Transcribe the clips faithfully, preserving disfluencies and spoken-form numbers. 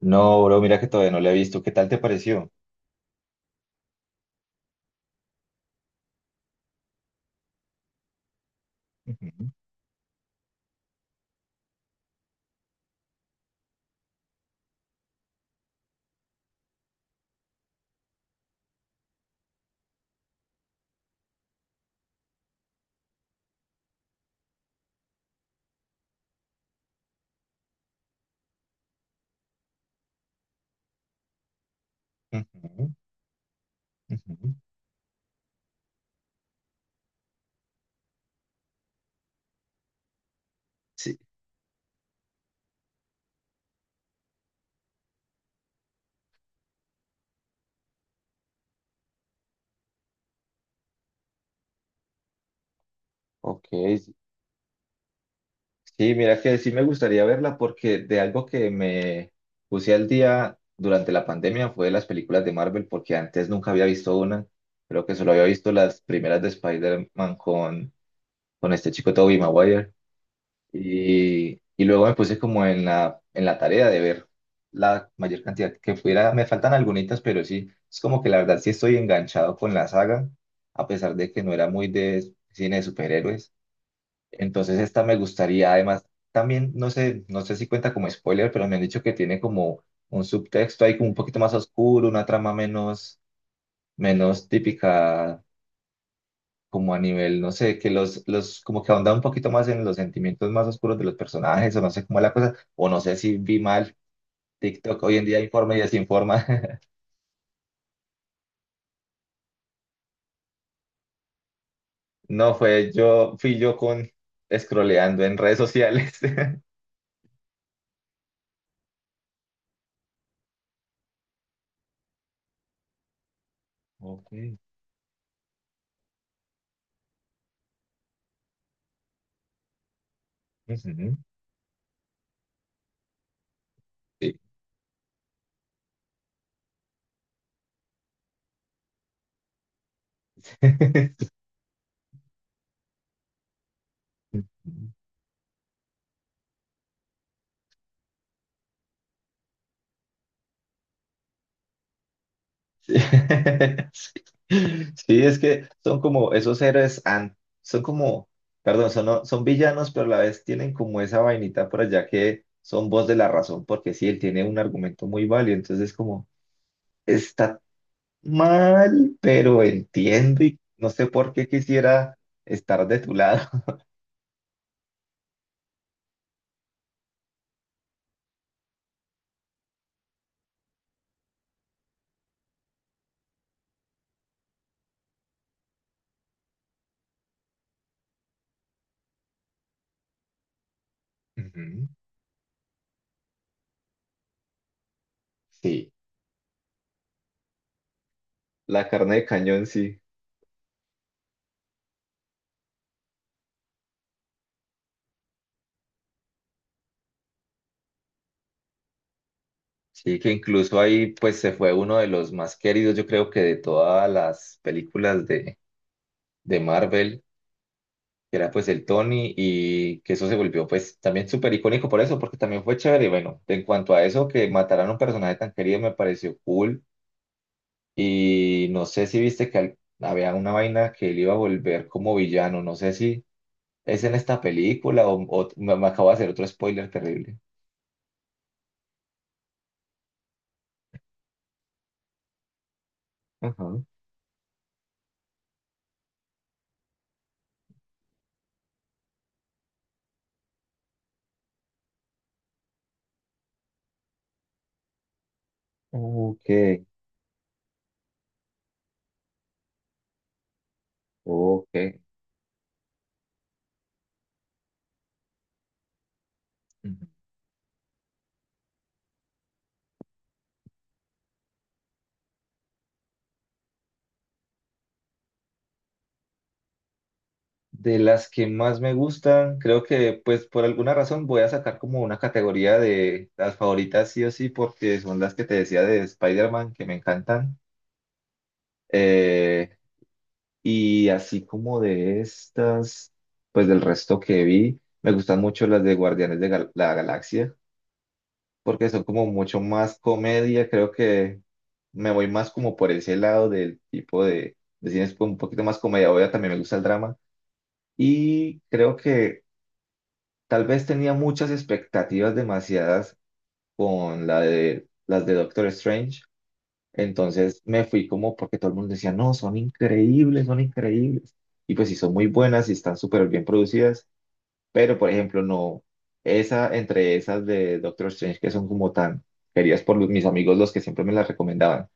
No, bro, mira que todavía no la he visto. ¿Qué tal te pareció? Ujú, ujú, ujú. Sí. Ok, sí, mira que sí me gustaría verla porque de algo que me puse al día durante la pandemia fue de las películas de Marvel, porque antes nunca había visto una. Creo que solo había visto las primeras de Spider-Man con, con este chico Tobey Maguire. Y, y luego me puse como en la, en la tarea de ver la mayor cantidad que pudiera. Me faltan algunitas, pero sí, es como que la verdad sí estoy enganchado con la saga, a pesar de que no era muy de cine de superhéroes. Entonces esta me gustaría, además, también, no sé, no sé si cuenta como spoiler, pero me han dicho que tiene como un subtexto ahí como un poquito más oscuro, una trama menos, menos típica, como a nivel, no sé, que los, los, como que ahonda un poquito más en los sentimientos más oscuros de los personajes, o no sé cómo es la cosa, o no sé si vi mal TikTok. Hoy en día informa y desinforma. No, fue yo, fui yo con scrolleando en redes sociales. Ok. Ujú. Sí. Sí. Sí, es que son como esos héroes, an- son como, perdón, son, son villanos, pero a la vez tienen como esa vainita por allá que son voz de la razón, porque sí, él tiene un argumento muy válido, entonces como, está mal, pero entiendo y no sé por qué quisiera estar de tu lado. Ujú. Sí, la carne de cañón, sí. Sí, que incluso ahí pues se fue uno de los más queridos, yo creo que de todas las películas de, de Marvel. Que era pues el Tony y que eso se volvió pues también súper icónico por eso, porque también fue chévere. Y bueno, en cuanto a eso, que mataran a un personaje tan querido me pareció cool. Y no sé si viste que al- había una vaina que él iba a volver como villano, no sé si es en esta película o, o- me, me acabo de hacer otro spoiler terrible. Ajá. Ok, ok. De las que más me gustan, creo que pues por alguna razón voy a sacar como una categoría de las favoritas sí o sí, porque son las que te decía de Spider-Man, que me encantan. Eh, y así como de estas, pues del resto que vi, me gustan mucho las de Guardianes de Gal- la Galaxia, porque son como mucho más comedia, creo que me voy más como por ese lado del tipo de, de cines con un poquito más comedia, obvio también me gusta el drama. Y creo que tal vez tenía muchas expectativas demasiadas con la de las de Doctor Strange, entonces me fui como porque todo el mundo decía, no, son increíbles, son increíbles. Y pues sí, son muy buenas y están súper bien producidas, pero por ejemplo, no, esa entre esas de Doctor Strange que son como tan queridas por los- mis amigos, los que siempre me las recomendaban,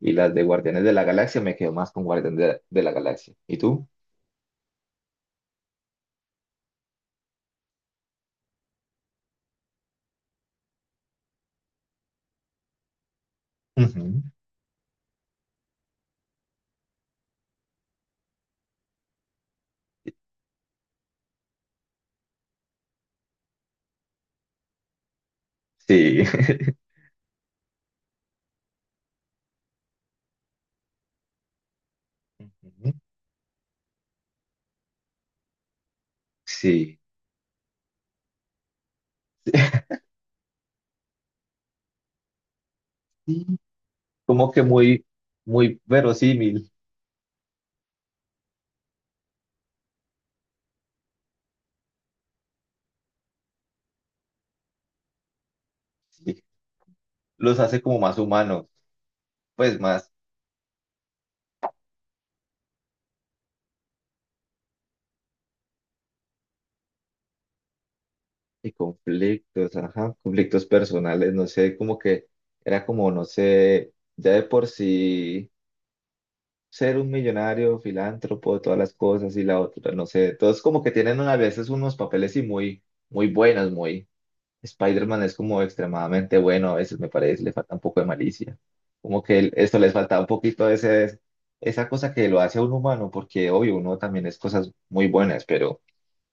y las de Guardianes de la Galaxia, me quedo más con Guardianes de, de la Galaxia. ¿Y tú? Ujú. Sí. Ujú. Sí. Como que muy, muy verosímil. Sí, los hace como más humanos, pues más. Y conflictos, ajá, conflictos personales, no sé, como que era como, no sé, ya de por sí ser un millonario, filántropo, todas las cosas y la otra, no sé, todos como que tienen a veces unos papeles y muy, muy buenos, muy. Spider-Man es como extremadamente bueno, a veces me parece, le falta un poco de malicia. Como que el- esto les falta un poquito de ese, esa cosa que lo hace a un humano, porque obvio, uno también es cosas muy buenas, pero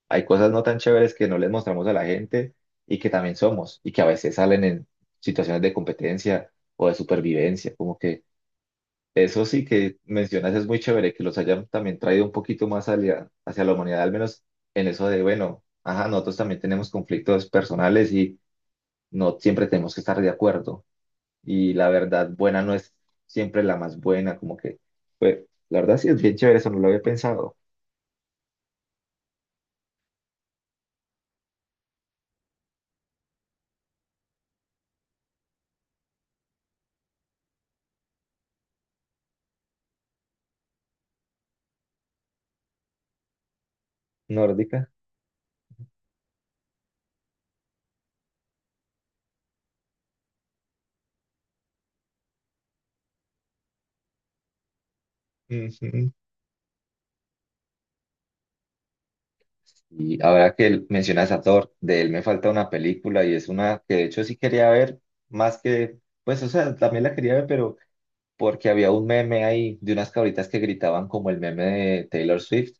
hay cosas no tan chéveres que no les mostramos a la gente y que también somos, y que a veces salen en situaciones de competencia o de supervivencia. Como que eso sí que mencionas es muy chévere, que los hayan también traído un poquito más hacia, hacia la humanidad, al menos en eso de, bueno, ajá, nosotros también tenemos conflictos personales y no siempre tenemos que estar de acuerdo y la verdad buena no es siempre la más buena, como que, pues, la verdad sí es bien chévere, eso no lo había pensado. Nórdica. Ujú. Y ahora que él- mencionas a Thor, de él me falta una película y es una que de hecho sí quería ver, más que, pues, o sea, también la quería ver, pero porque había un meme ahí de unas cabritas que gritaban como el meme de Taylor Swift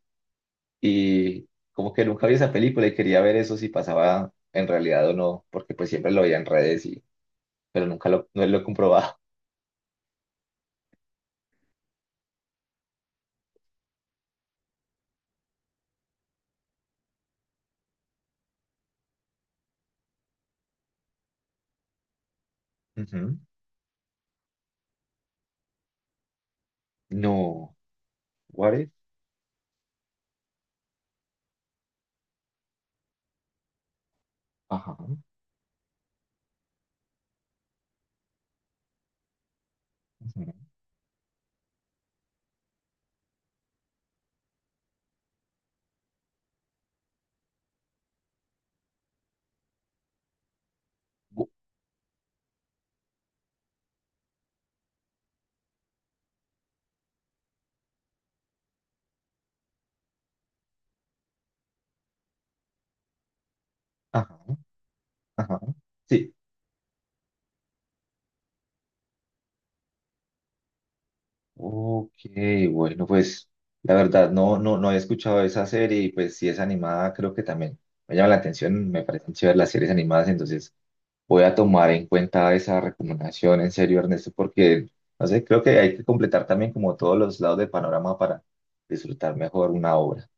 y como que nunca vi esa película y quería ver eso si pasaba en realidad o no, porque pues siempre lo veía en redes pero nunca lo, no lo he comprobado. Ujú. No, what if? Ajá, ujú. Bu- ajá, ajá. Sí. Ok, bueno, pues la verdad no, no, no he escuchado esa serie y pues si es animada creo que también me llama la atención, me parecen chéveres las series animadas, entonces voy a tomar en cuenta esa recomendación en serio, Ernesto, porque no sé, creo que hay que completar también como todos los lados del panorama para disfrutar mejor una obra.